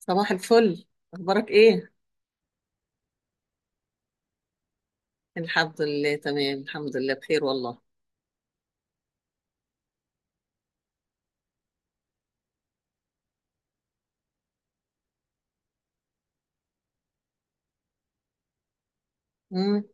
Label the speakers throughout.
Speaker 1: صباح الفل. اخبارك ايه؟ الحمد لله تمام، الحمد لله بخير والله. امم.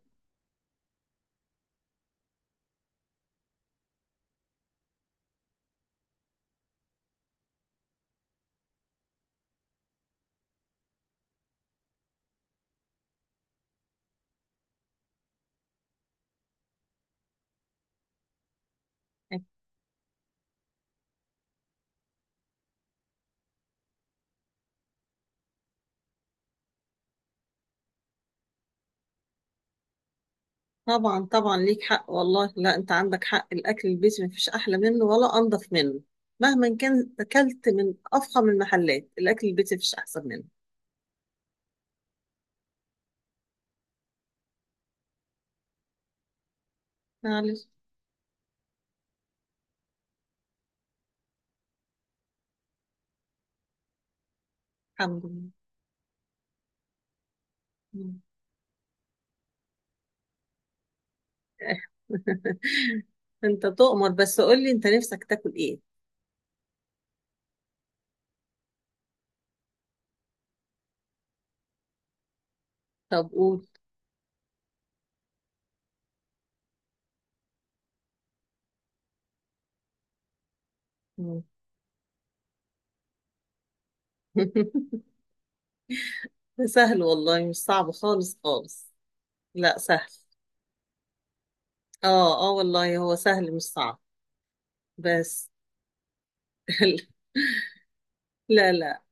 Speaker 1: طبعا طبعا، ليك حق والله. لا، انت عندك حق، الاكل البيتي مفيش احلى منه ولا انضف منه. مهما كان اكلت من افخم المحلات، الاكل البيتي مفيش احسن منه. معلش. الحمد لله. مم. انت تؤمر، بس قول لي انت نفسك تاكل ايه؟ طب قول. مم. سهل والله، مش صعب خالص خالص. لا سهل. اه اه والله، هو سهل مش صعب. بس. لا لا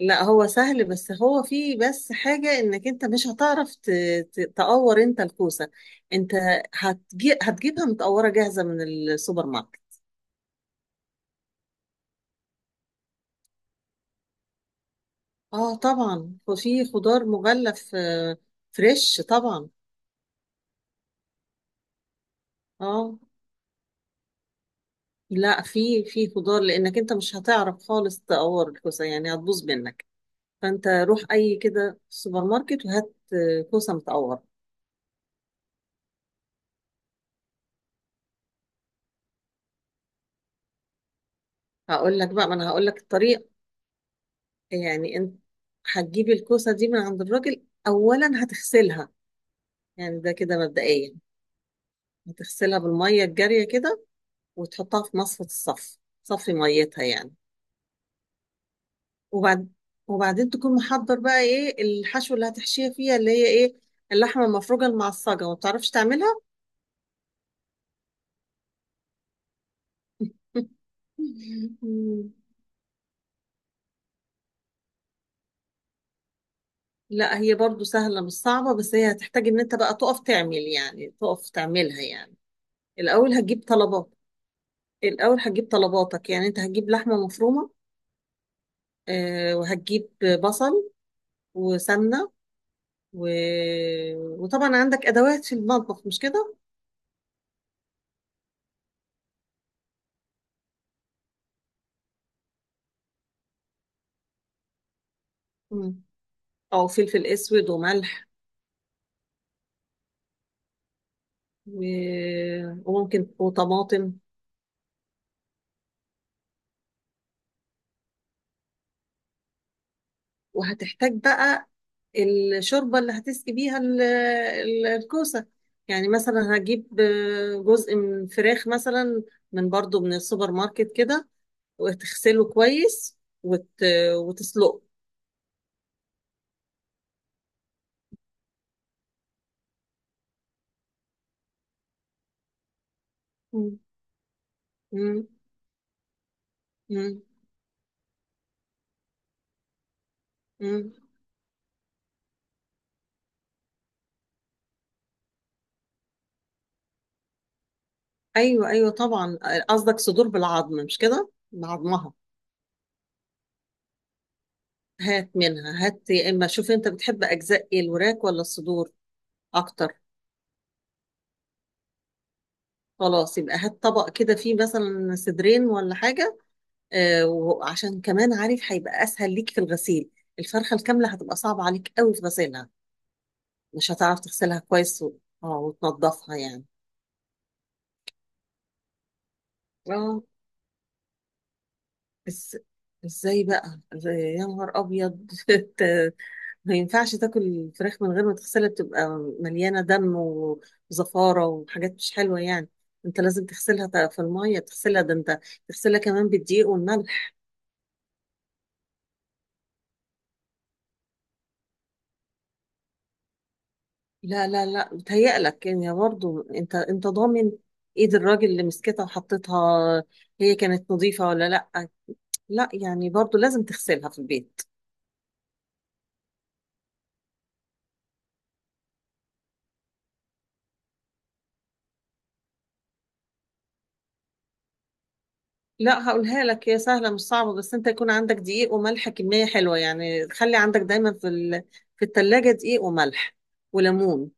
Speaker 1: لا، هو سهل، بس هو فيه بس حاجة انك انت مش هتعرف تقور انت الكوسة. انت هتجي هتجيبها متقورة جاهزة من السوبر ماركت. اه طبعا، وفي خضار مغلف فريش طبعا. اه لا، في خضار، لانك انت مش هتعرف خالص تقور الكوسة، يعني هتبوظ منك. فانت روح اي كده سوبر ماركت وهات كوسة متقورة. هقول لك بقى، ما انا هقول لك الطريقة. يعني انت هتجيبي الكوسة دي من عند الراجل، اولا هتغسلها. يعني ده كده مبدئيا، هتغسلها بالمية الجارية كده، وتحطها في مصفى الصف، صفي ميتها يعني. وبعد وبعدين تكون محضر بقى ايه الحشو اللي هتحشيها فيها، اللي هي ايه، اللحمة المفرومة المعصجة وما بتعرفش تعملها. لا، هي برضو سهلة مش صعبة، بس هي هتحتاج ان انت بقى تقف تعمل، يعني تقف تعملها يعني. الاول هتجيب طلبات الأول هتجيب طلباتك، يعني أنت هتجيب لحمة مفرومة، وهتجيب بصل وسمنة و... وطبعا عندك أدوات في المطبخ، مش كده؟ مم. أو فلفل أسود وملح و... وممكن وطماطم. وهتحتاج بقى الشوربة اللي هتسقي بيها الكوسة. يعني مثلا هتجيب جزء من فراخ مثلا، برضو من السوبر ماركت كده، وتغسله كويس وت... وتسلقه. مم. مم. مم. ايوه ايوه طبعا. قصدك صدور بالعظم، مش كده؟ بعظمها. هات منها هات، يا اما شوف انت بتحب اجزاء ايه، الوراك ولا الصدور اكتر؟ خلاص، يبقى هات طبق كده فيه مثلا صدرين ولا حاجه. آه، وعشان كمان عارف هيبقى اسهل ليك في الغسيل، الفرخه الكامله هتبقى صعبه عليك قوي في غسيلها، مش هتعرف تغسلها كويس اه وتنضفها يعني. اه بس ازاي بقى، إزاي؟ يا نهار ابيض انت ما ينفعش تاكل الفراخ من غير ما تغسلها، بتبقى مليانة دم وزفارة وحاجات مش حلوة يعني. انت لازم تغسلها في المية، تغسلها ده. انت تغسلها كمان بالدقيق والملح. لا لا لا، بتهيألك يعني. برضه انت انت ضامن ايد الراجل اللي مسكتها وحطيتها، هي كانت نظيفة ولا لا؟ لا يعني، برضه لازم تغسلها في البيت. لا هقولها لك، هي سهلة مش صعبة، بس انت يكون عندك دقيق وملح كمية حلوة. يعني خلي عندك دايما في التلاجة دقيق وملح وليمون.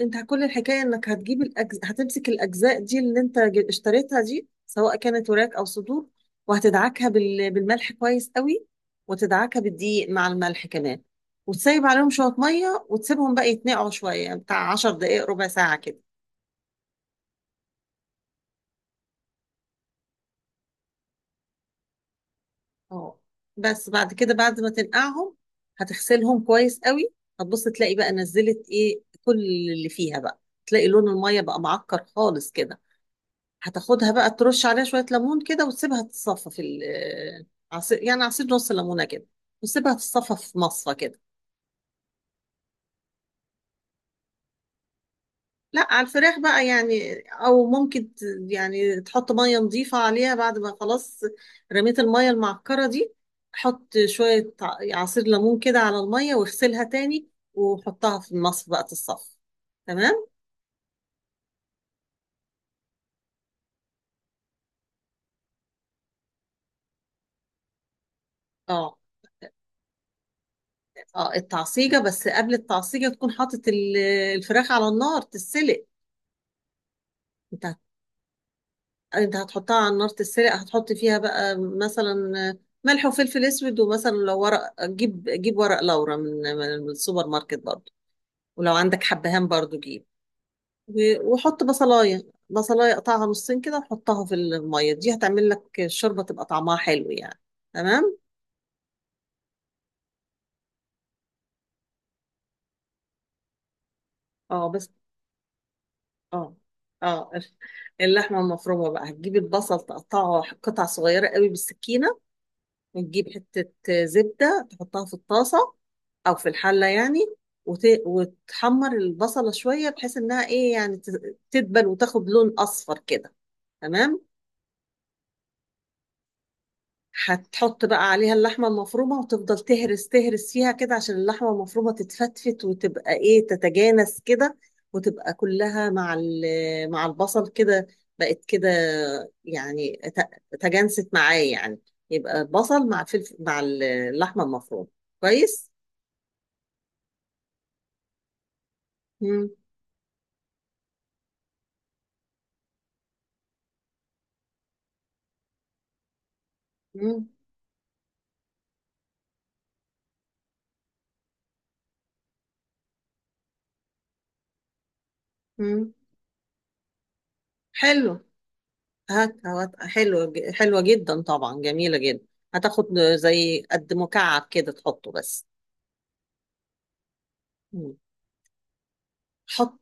Speaker 1: انت كل الحكاية انك هتجيب هتمسك الاجزاء دي اللي انت اشتريتها دي، سواء كانت وراك او صدور. وهتدعكها بالملح كويس قوي، وتدعكها بالدقيق مع الملح كمان، وتسيب عليهم شوية مية وتسيبهم بقى يتنقعوا شوية، بتاع 10 دقايق ربع ساعة كده. اه بس بعد كده، بعد ما تنقعهم هتغسلهم كويس قوي، هتبص تلاقي بقى نزلت ايه كل اللي فيها بقى، تلاقي لون المية بقى معكر خالص كده. هتاخدها بقى ترش عليها شوية ليمون كده، وتسيبها تتصفى في ال- آه، عصير يعني، عصير نص ليمونة كده، وتسيبها تتصفى في مصفى كده. لا، على الفراخ بقى يعني، او ممكن يعني تحط مية نظيفة عليها بعد ما خلاص رميت المية المعكرة دي. حط شوية عصير ليمون كده على المية واغسلها تاني، وحطها في المصفى بقى تتصفى. تمام. اه اه، التعصيجة. بس قبل التعصيجة تكون حاطط الفراخ على النار تتسلق. انت انت هتحطها على النار تتسرق، هتحط فيها بقى مثلا ملح وفلفل اسود، ومثلا لو ورق جيب، جيب ورق لورا من السوبر ماركت برضو. ولو عندك حبهان برضو جيب. وحط بصلايه بصلايه قطعها نصين كده وحطها في الميه دي، هتعمل لك الشوربه تبقى طعمها حلو يعني. تمام. اه بس اه اه اللحمه المفرومه بقى، هتجيب البصل تقطعه قطع صغيره قوي بالسكينه، وتجيب حته زبده تحطها في الطاسه او في الحله يعني، وتحمر البصله شويه بحيث انها ايه، يعني تدبل وتاخد لون اصفر كده. تمام. هتحط بقى عليها اللحمه المفرومه، وتفضل تهرس تهرس فيها كده عشان اللحمه المفرومه تتفتفت وتبقى ايه، تتجانس كده، وتبقى كلها مع البصل كده، بقت كده يعني تجانست معاه يعني، يبقى بصل مع فلفل مع اللحمه المفرومه. كويس. مم. مم. مم. حلو. هات هات، حلوة جدا طبعا، جميلة جدا. هتاخد زي قد مكعب كده تحطه بس. مم. حط،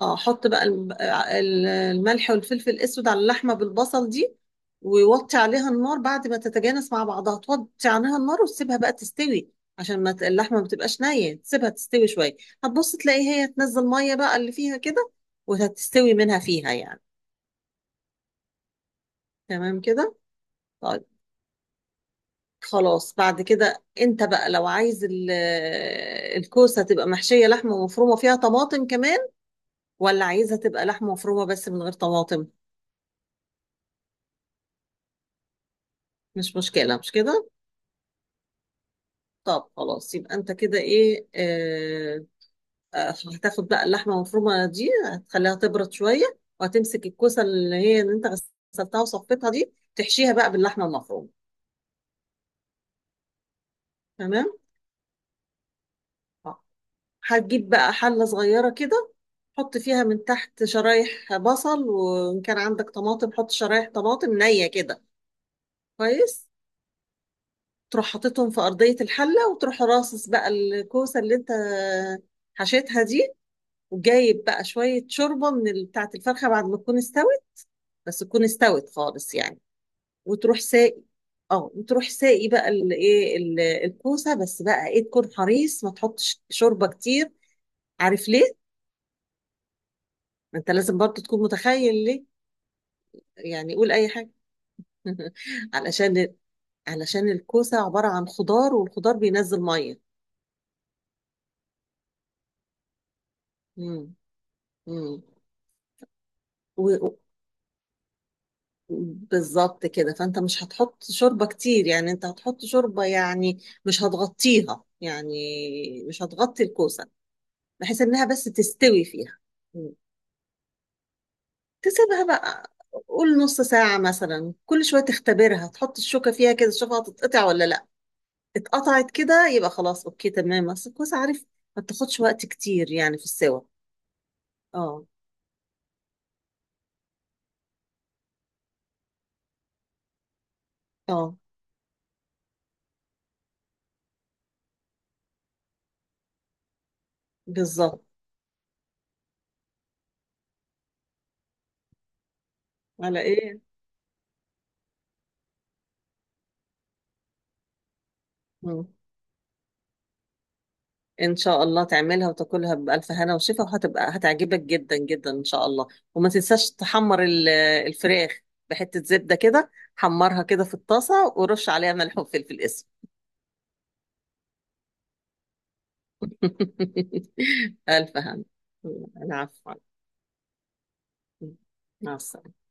Speaker 1: اه حط بقى الملح والفلفل الأسود على اللحمة بالبصل دي، ووطي عليها النار. بعد ما تتجانس مع بعضها توطي عليها النار وتسيبها بقى تستوي، عشان ما ت- اللحمة ما تبقاش نية، تسيبها تستوي شوية. هتبص تلاقي هي تنزل مية بقى اللي فيها كده، وهتستوي منها فيها يعني. تمام كده. طيب خلاص، بعد كده انت بقى لو عايز الكوسة تبقى محشية لحمة مفرومة فيها طماطم كمان، ولا عايزها تبقى لحمة مفرومة بس من غير طماطم. مش مشكلة، مش كده؟ طب خلاص، يبقى انت كده ايه، اه هتاخد بقى اللحمة المفرومة دي هتخليها تبرد شوية، وهتمسك الكوسة اللي هي اللي انت غسلتها وصفيتها دي، تحشيها بقى باللحمة المفرومة. تمام. هتجيب بقى حلة صغيرة كده، حط فيها من تحت شرايح بصل، وإن كان عندك طماطم حط شرايح طماطم نية كده. كويس. تروح حاططهم في أرضية الحلة، وتروح راصص بقى الكوسة اللي أنت حشيتها دي، وجايب بقى شوية شوربة من بتاعة الفرخة بعد ما تكون استوت، بس تكون استوت خالص يعني. وتروح ساقي، اه وتروح ساقي بقى الايه، الكوسة. بس بقى ايه، تكون حريص ما تحطش شوربة كتير. عارف ليه؟ ما انت لازم برضه تكون متخيل ليه. يعني قول اي حاجه. علشان، علشان الكوسه عباره عن خضار، والخضار بينزل ميه. امم. امم. و- و- بالظبط كده. فانت مش هتحط شوربه كتير، يعني انت هتحط شوربه يعني، مش هتغطيها يعني، مش هتغطي الكوسه، بحيث انها بس تستوي فيها. مم. تسيبها بقى، قول نص ساعه مثلا، كل شويه تختبرها، تحط الشوكه فيها كده تشوفها هتتقطع ولا لا. اتقطعت كده يبقى خلاص اوكي تمام. اصل الكوسه عارف ما بتاخدش وقت كتير يعني في السوا. اه اه بالظبط. على ايه؟ مم. ان شاء الله تعملها وتاكلها بألف هنا وشفا، وهتبقى هتعجبك جدا جدا ان شاء الله. وما تنساش تحمر الفراخ بحتة زبدة كده، حمرها كده في الطاسة ورش عليها ملح وفلفل اسود. ألف هنا. العفو. مع السلامة.